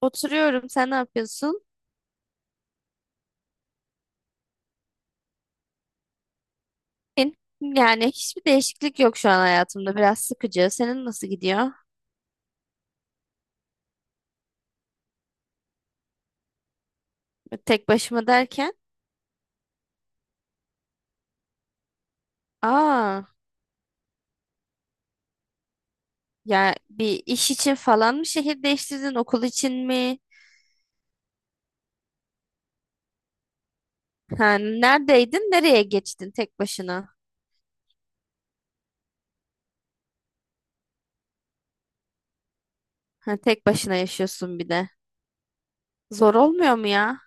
Oturuyorum. Sen ne yapıyorsun? En- Yani hiçbir değişiklik yok şu an hayatımda. Biraz sıkıcı. Senin nasıl gidiyor? Tek başıma derken. Aa, ya bir iş için falan mı şehir değiştirdin? Okul için mi? Ha, neredeydin? Nereye geçtin tek başına? Ha, tek başına yaşıyorsun bir de. Zor olmuyor mu ya?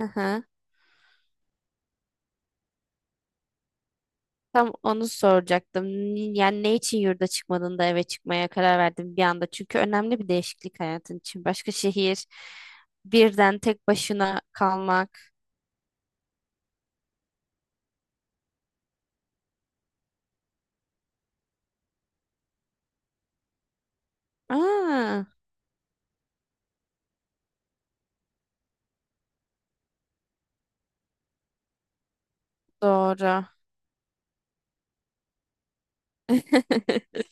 Hı hı. Tam onu soracaktım. Yani ne için yurda çıkmadın da eve çıkmaya karar verdin bir anda? Çünkü önemli bir değişiklik hayatın için. Başka şehir, birden tek başına kalmak. Aa, doğru.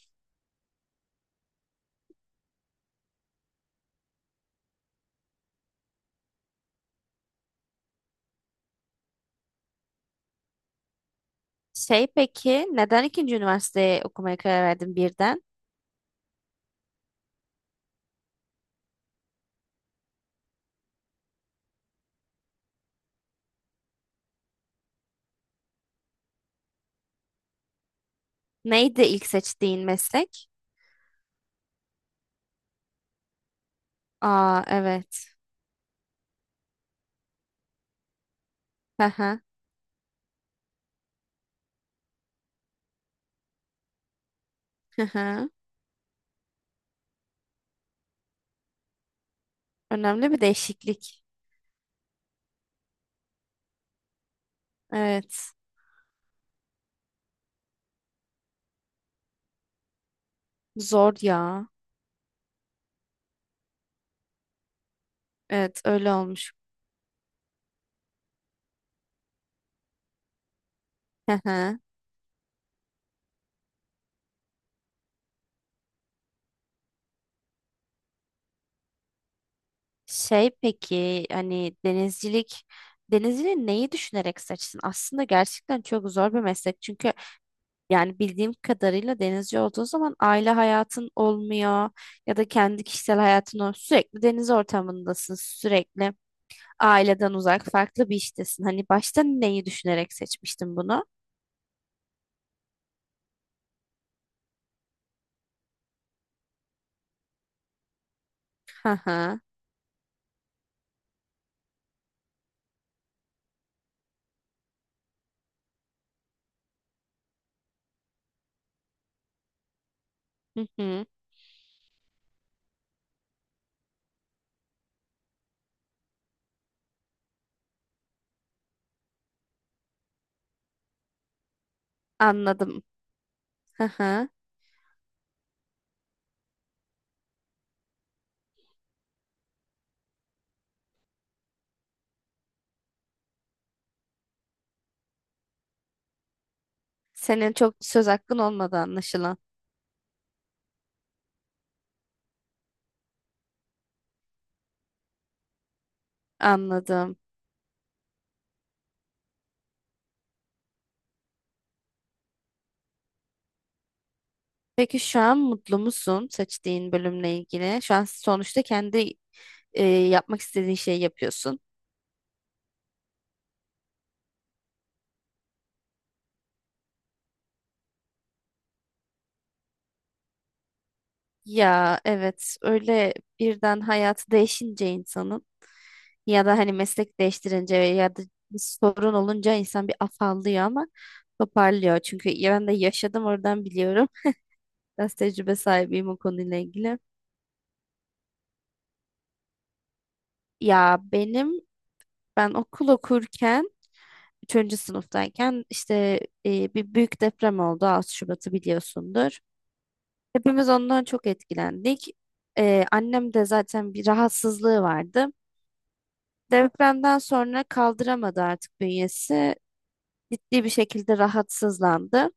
Şey peki, neden ikinci üniversiteye okumaya karar verdin birden? Neydi ilk seçtiğin meslek? Aa, evet. Hı hı, hı hı. Önemli bir değişiklik. Evet. Zor ya. Evet, öyle olmuş. Hı hı. Şey peki hani denizciliği neyi düşünerek seçtin? Aslında gerçekten çok zor bir meslek. Çünkü yani bildiğim kadarıyla denizci olduğun zaman aile hayatın olmuyor ya da kendi kişisel hayatın olmuyor. Sürekli deniz ortamındasın, sürekli aileden uzak, farklı bir iştesin. Hani başta neyi düşünerek seçmiştin bunu? Hı hı. Hı hı. Anladım. Hı hı. Senin çok söz hakkın olmadı anlaşılan. Anladım. Peki şu an mutlu musun seçtiğin bölümle ilgili? Şu an sonuçta kendi yapmak istediğin şeyi yapıyorsun. Ya evet öyle birden hayatı değişince insanın ya da hani meslek değiştirince ya da bir sorun olunca insan bir afallıyor ama toparlıyor. Çünkü ya ben de yaşadım oradan biliyorum. Biraz tecrübe sahibiyim o konuyla ilgili. Ya benim ben okul okurken üçüncü sınıftayken işte bir büyük deprem oldu. 6 Şubat'ı biliyorsundur. Hepimiz ondan çok etkilendik. Annem de zaten bir rahatsızlığı vardı. Depremden sonra kaldıramadı artık bünyesi. Ciddi bir şekilde rahatsızlandı.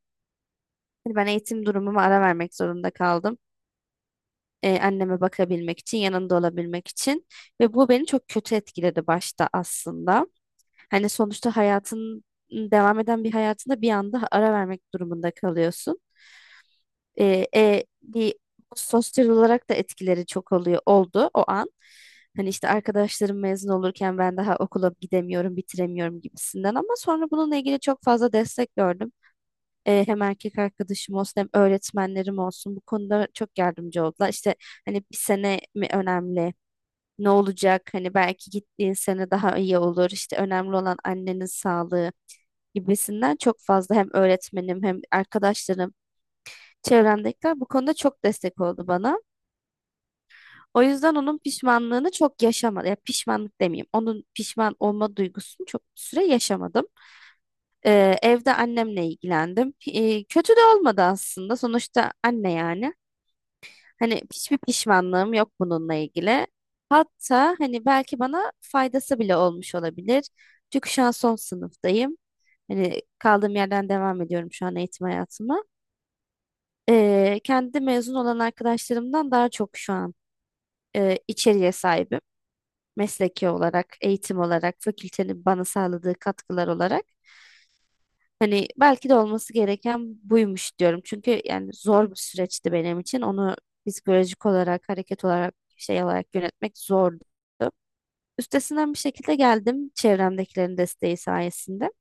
Hani ben eğitim durumuma ara vermek zorunda kaldım. Anneme bakabilmek için, yanında olabilmek için. Ve bu beni çok kötü etkiledi başta aslında. Hani sonuçta hayatın devam eden bir hayatında bir anda ara vermek durumunda kalıyorsun. Bir sosyal olarak da etkileri çok oluyor oldu o an. Hani işte arkadaşlarım mezun olurken ben daha okula gidemiyorum, bitiremiyorum gibisinden ama sonra bununla ilgili çok fazla destek gördüm. E, hem erkek arkadaşım olsun hem öğretmenlerim olsun bu konuda çok yardımcı oldular. İşte hani bir sene mi önemli? Ne olacak? Hani belki gittiğin sene daha iyi olur. İşte önemli olan annenin sağlığı gibisinden çok fazla hem öğretmenim hem arkadaşlarım çevremdekiler bu konuda çok destek oldu bana. O yüzden onun pişmanlığını çok yaşamadım. Ya pişmanlık demeyeyim. Onun pişman olma duygusunu çok süre yaşamadım. Evde annemle ilgilendim. Kötü de olmadı aslında. Sonuçta anne yani. Hani hiçbir pişmanlığım yok bununla ilgili. Hatta hani belki bana faydası bile olmuş olabilir. Çünkü şu an son sınıftayım. Hani kaldığım yerden devam ediyorum şu an eğitim hayatıma. Kendi mezun olan arkadaşlarımdan daha çok şu an içeriğe sahibim. Mesleki olarak, eğitim olarak, fakültenin bana sağladığı katkılar olarak. Hani belki de olması gereken buymuş diyorum. Çünkü yani zor bir süreçti benim için. Onu psikolojik olarak, hareket olarak, şey olarak yönetmek zordu. Üstesinden bir şekilde geldim çevremdekilerin desteği sayesinde.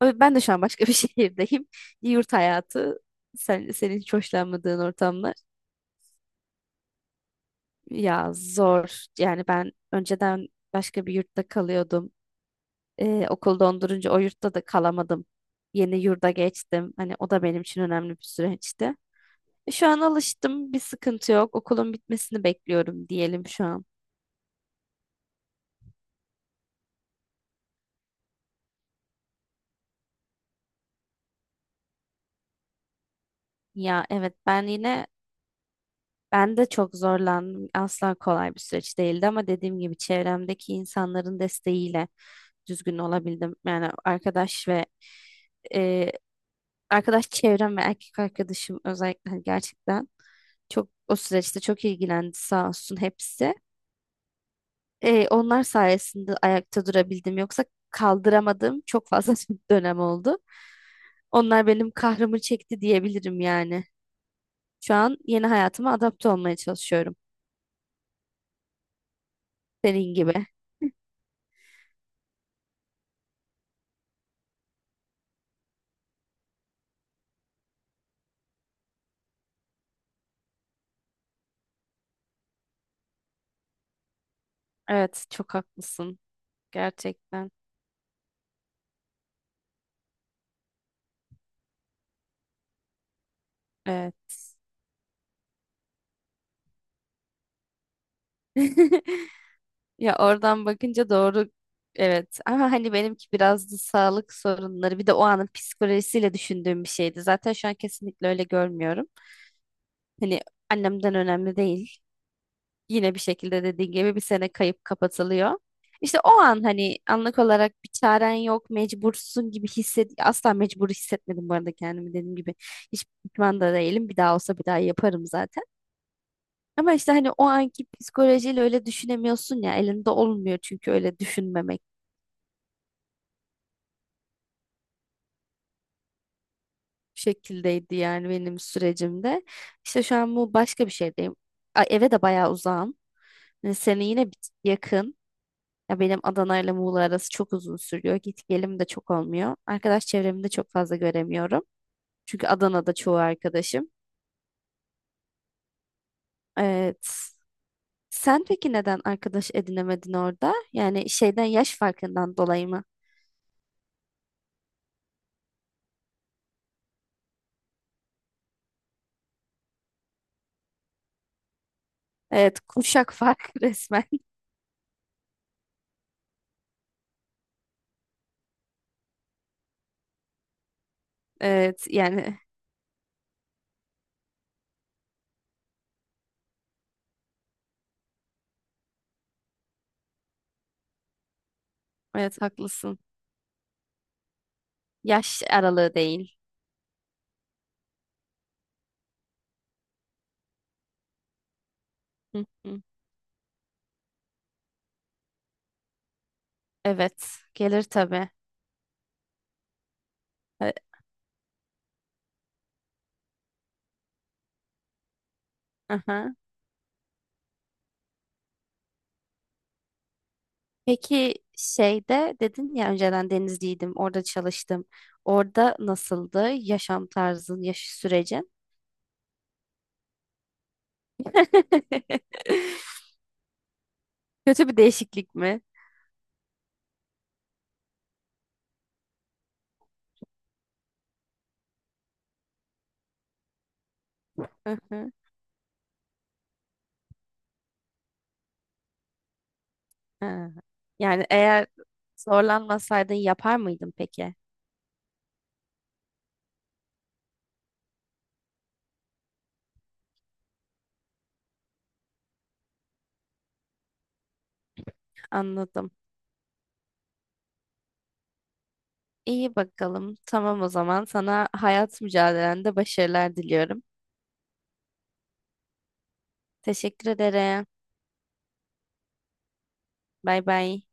Ben de şu an başka bir şehirdeyim. Yurt hayatı, senin hiç hoşlanmadığın ortamlar. Ya zor. Yani ben önceden başka bir yurtta kalıyordum. Okul dondurunca o yurtta da kalamadım. Yeni yurda geçtim. Hani o da benim için önemli bir süreçti. E, şu an alıştım. Bir sıkıntı yok. Okulun bitmesini bekliyorum diyelim şu an. Ya evet ben yine Ben de çok zorlandım. Asla kolay bir süreç değildi ama dediğim gibi çevremdeki insanların desteğiyle düzgün olabildim. Yani arkadaş ve e, arkadaş çevrem ve erkek arkadaşım özellikle hani gerçekten çok o süreçte çok ilgilendi sağ olsun hepsi. Onlar sayesinde ayakta durabildim. Yoksa kaldıramadığım çok fazla dönem oldu. Onlar benim kahrımı çekti diyebilirim yani. Şu an yeni hayatıma adapte olmaya çalışıyorum. Senin gibi. Evet, çok haklısın. Gerçekten. Evet. Ya oradan bakınca doğru evet, ama hani benimki biraz da sağlık sorunları bir de o anın psikolojisiyle düşündüğüm bir şeydi. Zaten şu an kesinlikle öyle görmüyorum. Hani annemden önemli değil. Yine bir şekilde dediğin gibi bir sene kayıp kapatılıyor. İşte o an hani anlık olarak bir çaren yok, mecbursun gibi hisset, asla mecbur hissetmedim bu arada kendimi dediğim gibi. Hiç pişman da değilim. Bir daha olsa bir daha yaparım zaten. Ama işte hani o anki psikolojiyle öyle düşünemiyorsun ya elinde olmuyor çünkü öyle düşünmemek şekildeydi yani benim sürecimde. İşte şu an bu başka bir şeydeyim. Eve de bayağı uzağım. Yani seni yine tık yakın. Ya benim Adana ile Muğla arası çok uzun sürüyor. Git gelim de çok olmuyor. Arkadaş çevremi de çok fazla göremiyorum. Çünkü Adana'da çoğu arkadaşım. Evet. Sen peki neden arkadaş edinemedin orada? Yani şeyden yaş farkından dolayı mı? Evet, kuşak farkı resmen. Evet yani evet, haklısın. Yaş aralığı değil. Hı hı. Evet, gelir tabii. E, Aha. Peki şeyde dedin ya önceden Denizli'ydim orada çalıştım. Orada nasıldı yaşam tarzın, yaş sürecin? Kötü bir değişiklik mi? Hı hı. Ha. Yani eğer zorlanmasaydın yapar mıydın peki? Anladım. İyi bakalım. Tamam o zaman sana hayat mücadelende başarılar diliyorum. Teşekkür ederim. Bay bay.